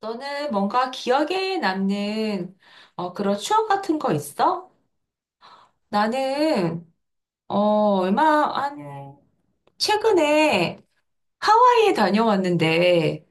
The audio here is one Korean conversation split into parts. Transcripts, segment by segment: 너는 뭔가 기억에 남는 그런 추억 같은 거 있어? 나는 어, 얼마 한 최근에 하와이에 다녀왔는데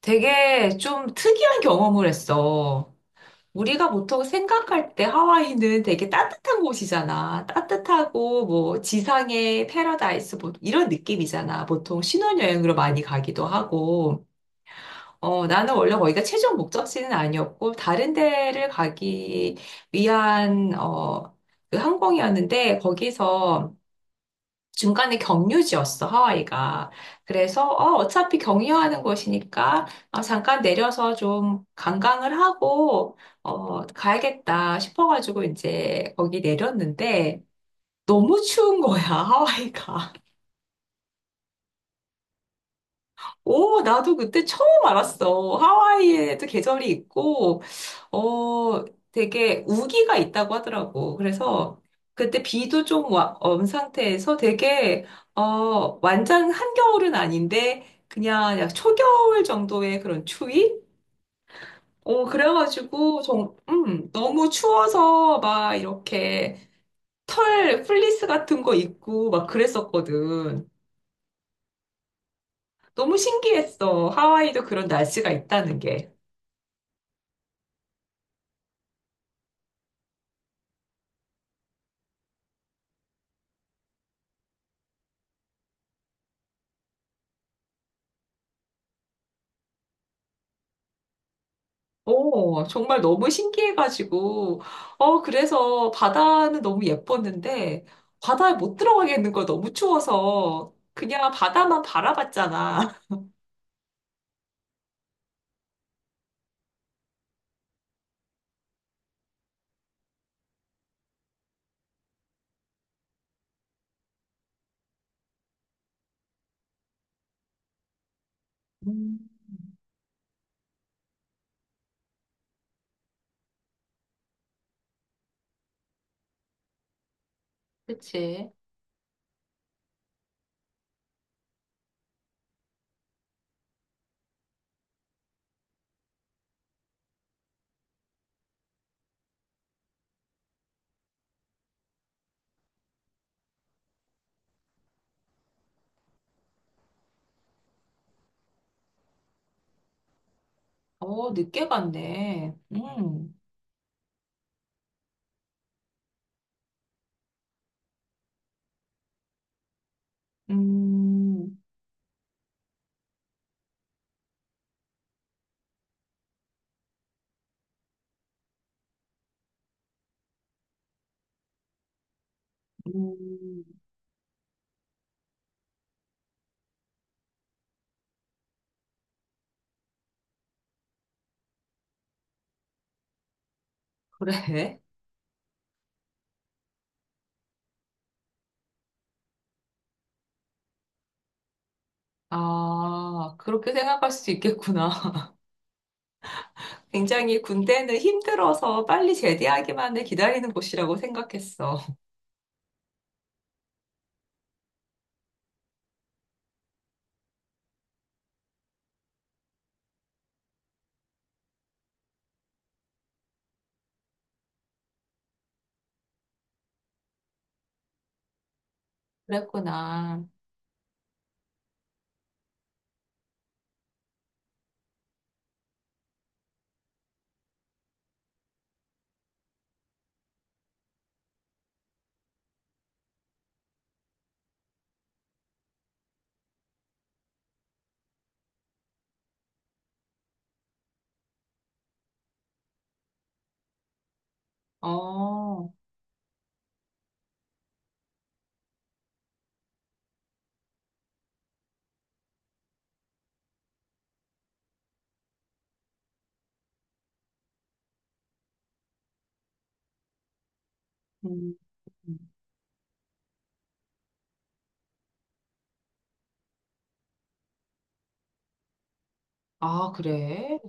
되게 좀 특이한 경험을 했어. 우리가 보통 생각할 때 하와이는 되게 따뜻한 곳이잖아. 따뜻하고 뭐 지상의 패러다이스 뭐 이런 느낌이잖아. 보통 신혼여행으로 많이 가기도 하고. 나는 원래 거기가 최종 목적지는 아니었고, 다른 데를 가기 위한, 그 항공이었는데, 거기서 중간에 경유지였어, 하와이가. 그래서, 어차피 경유하는 곳이니까, 잠깐 내려서 좀 관광을 하고, 가야겠다 싶어가지고, 이제 거기 내렸는데, 너무 추운 거야, 하와이가. 오, 나도 그때 처음 알았어. 하와이에도 계절이 있고, 어, 되게 우기가 있다고 하더라고. 그래서 그때 비도 좀 온 상태에서 되게, 완전 한겨울은 아닌데, 그냥 약 초겨울 정도의 그런 추위? 그래가지고, 좀, 너무 추워서 막 이렇게 털, 플리스 같은 거 입고 막 그랬었거든. 너무 신기했어. 하와이도 그런 날씨가 있다는 게. 오, 정말 너무 신기해가지고, 그래서 바다는 너무 예뻤는데, 바다에 못 들어가겠는 거 너무 추워서, 그냥 바다만 바라봤잖아. 음, 그치. 늦게 갔네. 음, 음, 그래. 아, 그렇게 생각할 수 있겠구나. 굉장히 군대는 힘들어서 빨리 제대하기만을 기다리는 곳이라고 생각했어. 그랬구나. 어, 음. 음. 아, 그래?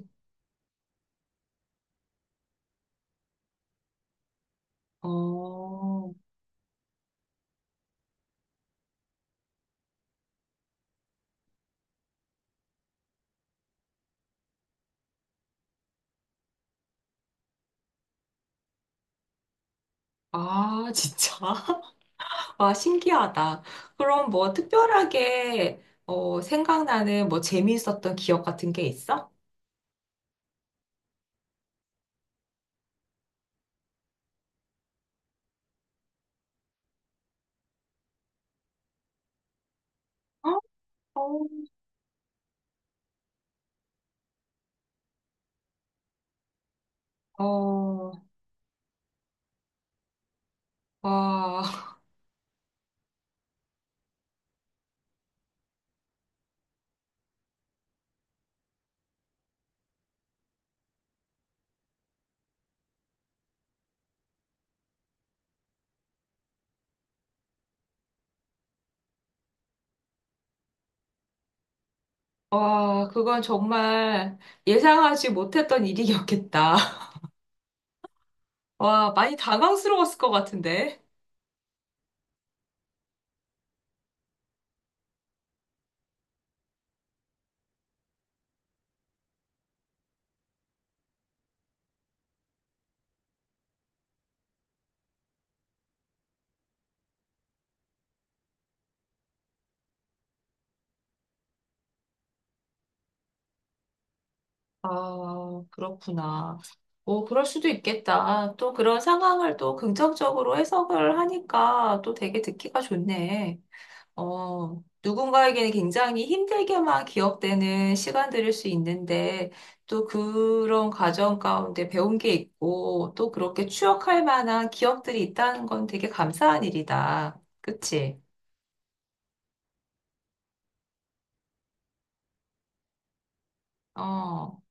어, 아, 진짜? 와, 신기하다. 그럼 뭐 특별하게, 생각나는 뭐 재미있었던 기억 같은 게 있어? 어, 어, 와, 와, 그건 정말 예상하지 못했던 일이었겠다. 와, 많이 당황스러웠을 것 같은데. 아, 그렇구나. 오, 그럴 수도 있겠다. 또 그런 상황을 또 긍정적으로 해석을 하니까 또 되게 듣기가 좋네. 누군가에게는 굉장히 힘들게만 기억되는 시간들일 수 있는데, 또 그런 과정 가운데 배운 게 있고, 또 그렇게 추억할 만한 기억들이 있다는 건 되게 감사한 일이다. 그치? 어,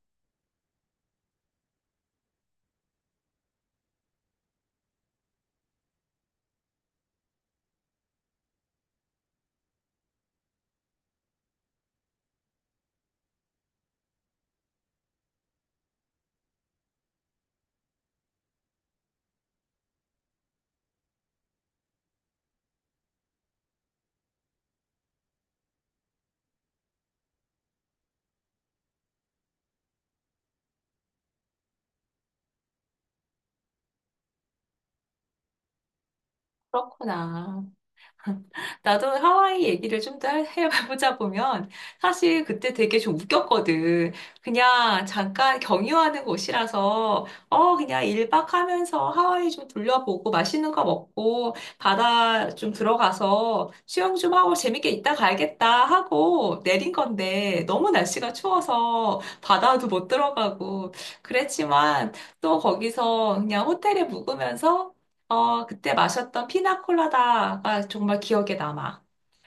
그렇구나. 나도 하와이 얘기를 좀 더 해보자 보면 사실 그때 되게 좀 웃겼거든. 그냥 잠깐 경유하는 곳이라서 그냥 1박 하면서 하와이 좀 둘러보고 맛있는 거 먹고 바다 좀 들어가서 수영 좀 하고 재밌게 있다 가야겠다 하고 내린 건데 너무 날씨가 추워서 바다도 못 들어가고 그랬지만 또 거기서 그냥 호텔에 묵으면서 그때 마셨던 피나콜라다가 정말 기억에 남아.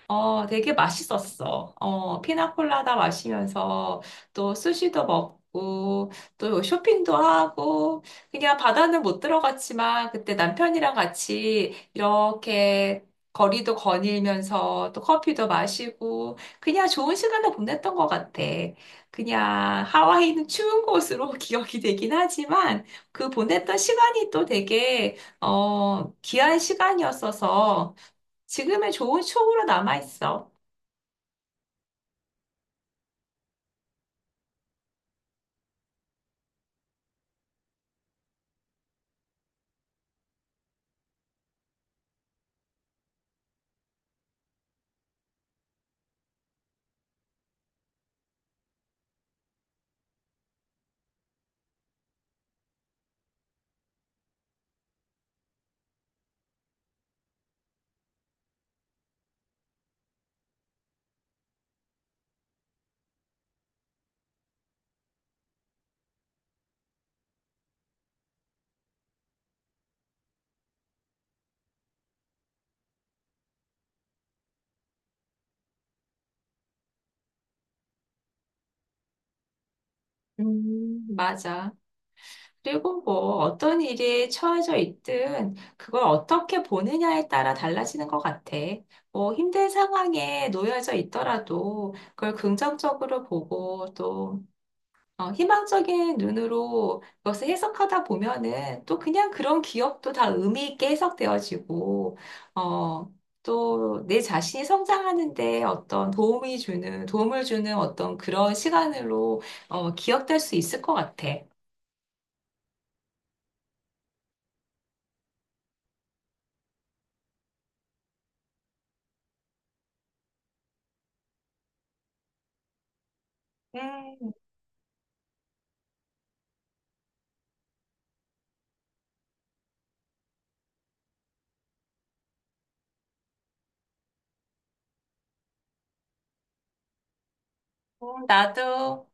되게 맛있었어. 피나콜라다 마시면서 또 스시도 먹고 또 쇼핑도 하고 그냥 바다는 못 들어갔지만 그때 남편이랑 같이 이렇게 거리도 거닐면서 또 커피도 마시고 그냥 좋은 시간을 보냈던 것 같아. 그냥 하와이는 추운 곳으로 기억이 되긴 하지만 그 보냈던 시간이 또 되게 귀한 시간이었어서 지금의 좋은 추억으로 남아있어. 맞아. 그리고 뭐 어떤 일에 처해져 있든 그걸 어떻게 보느냐에 따라 달라지는 것 같아. 뭐 힘든 상황에 놓여져 있더라도 그걸 긍정적으로 보고 또 희망적인 눈으로 그것을 해석하다 보면은 또 그냥 그런 기억도 다 의미 있게 해석되어지고, 어, 또 내 자신이 성장하는데 어떤 도움을 주는 어떤 그런 시간으로 기억될 수 있을 것 같아. 음, 나도.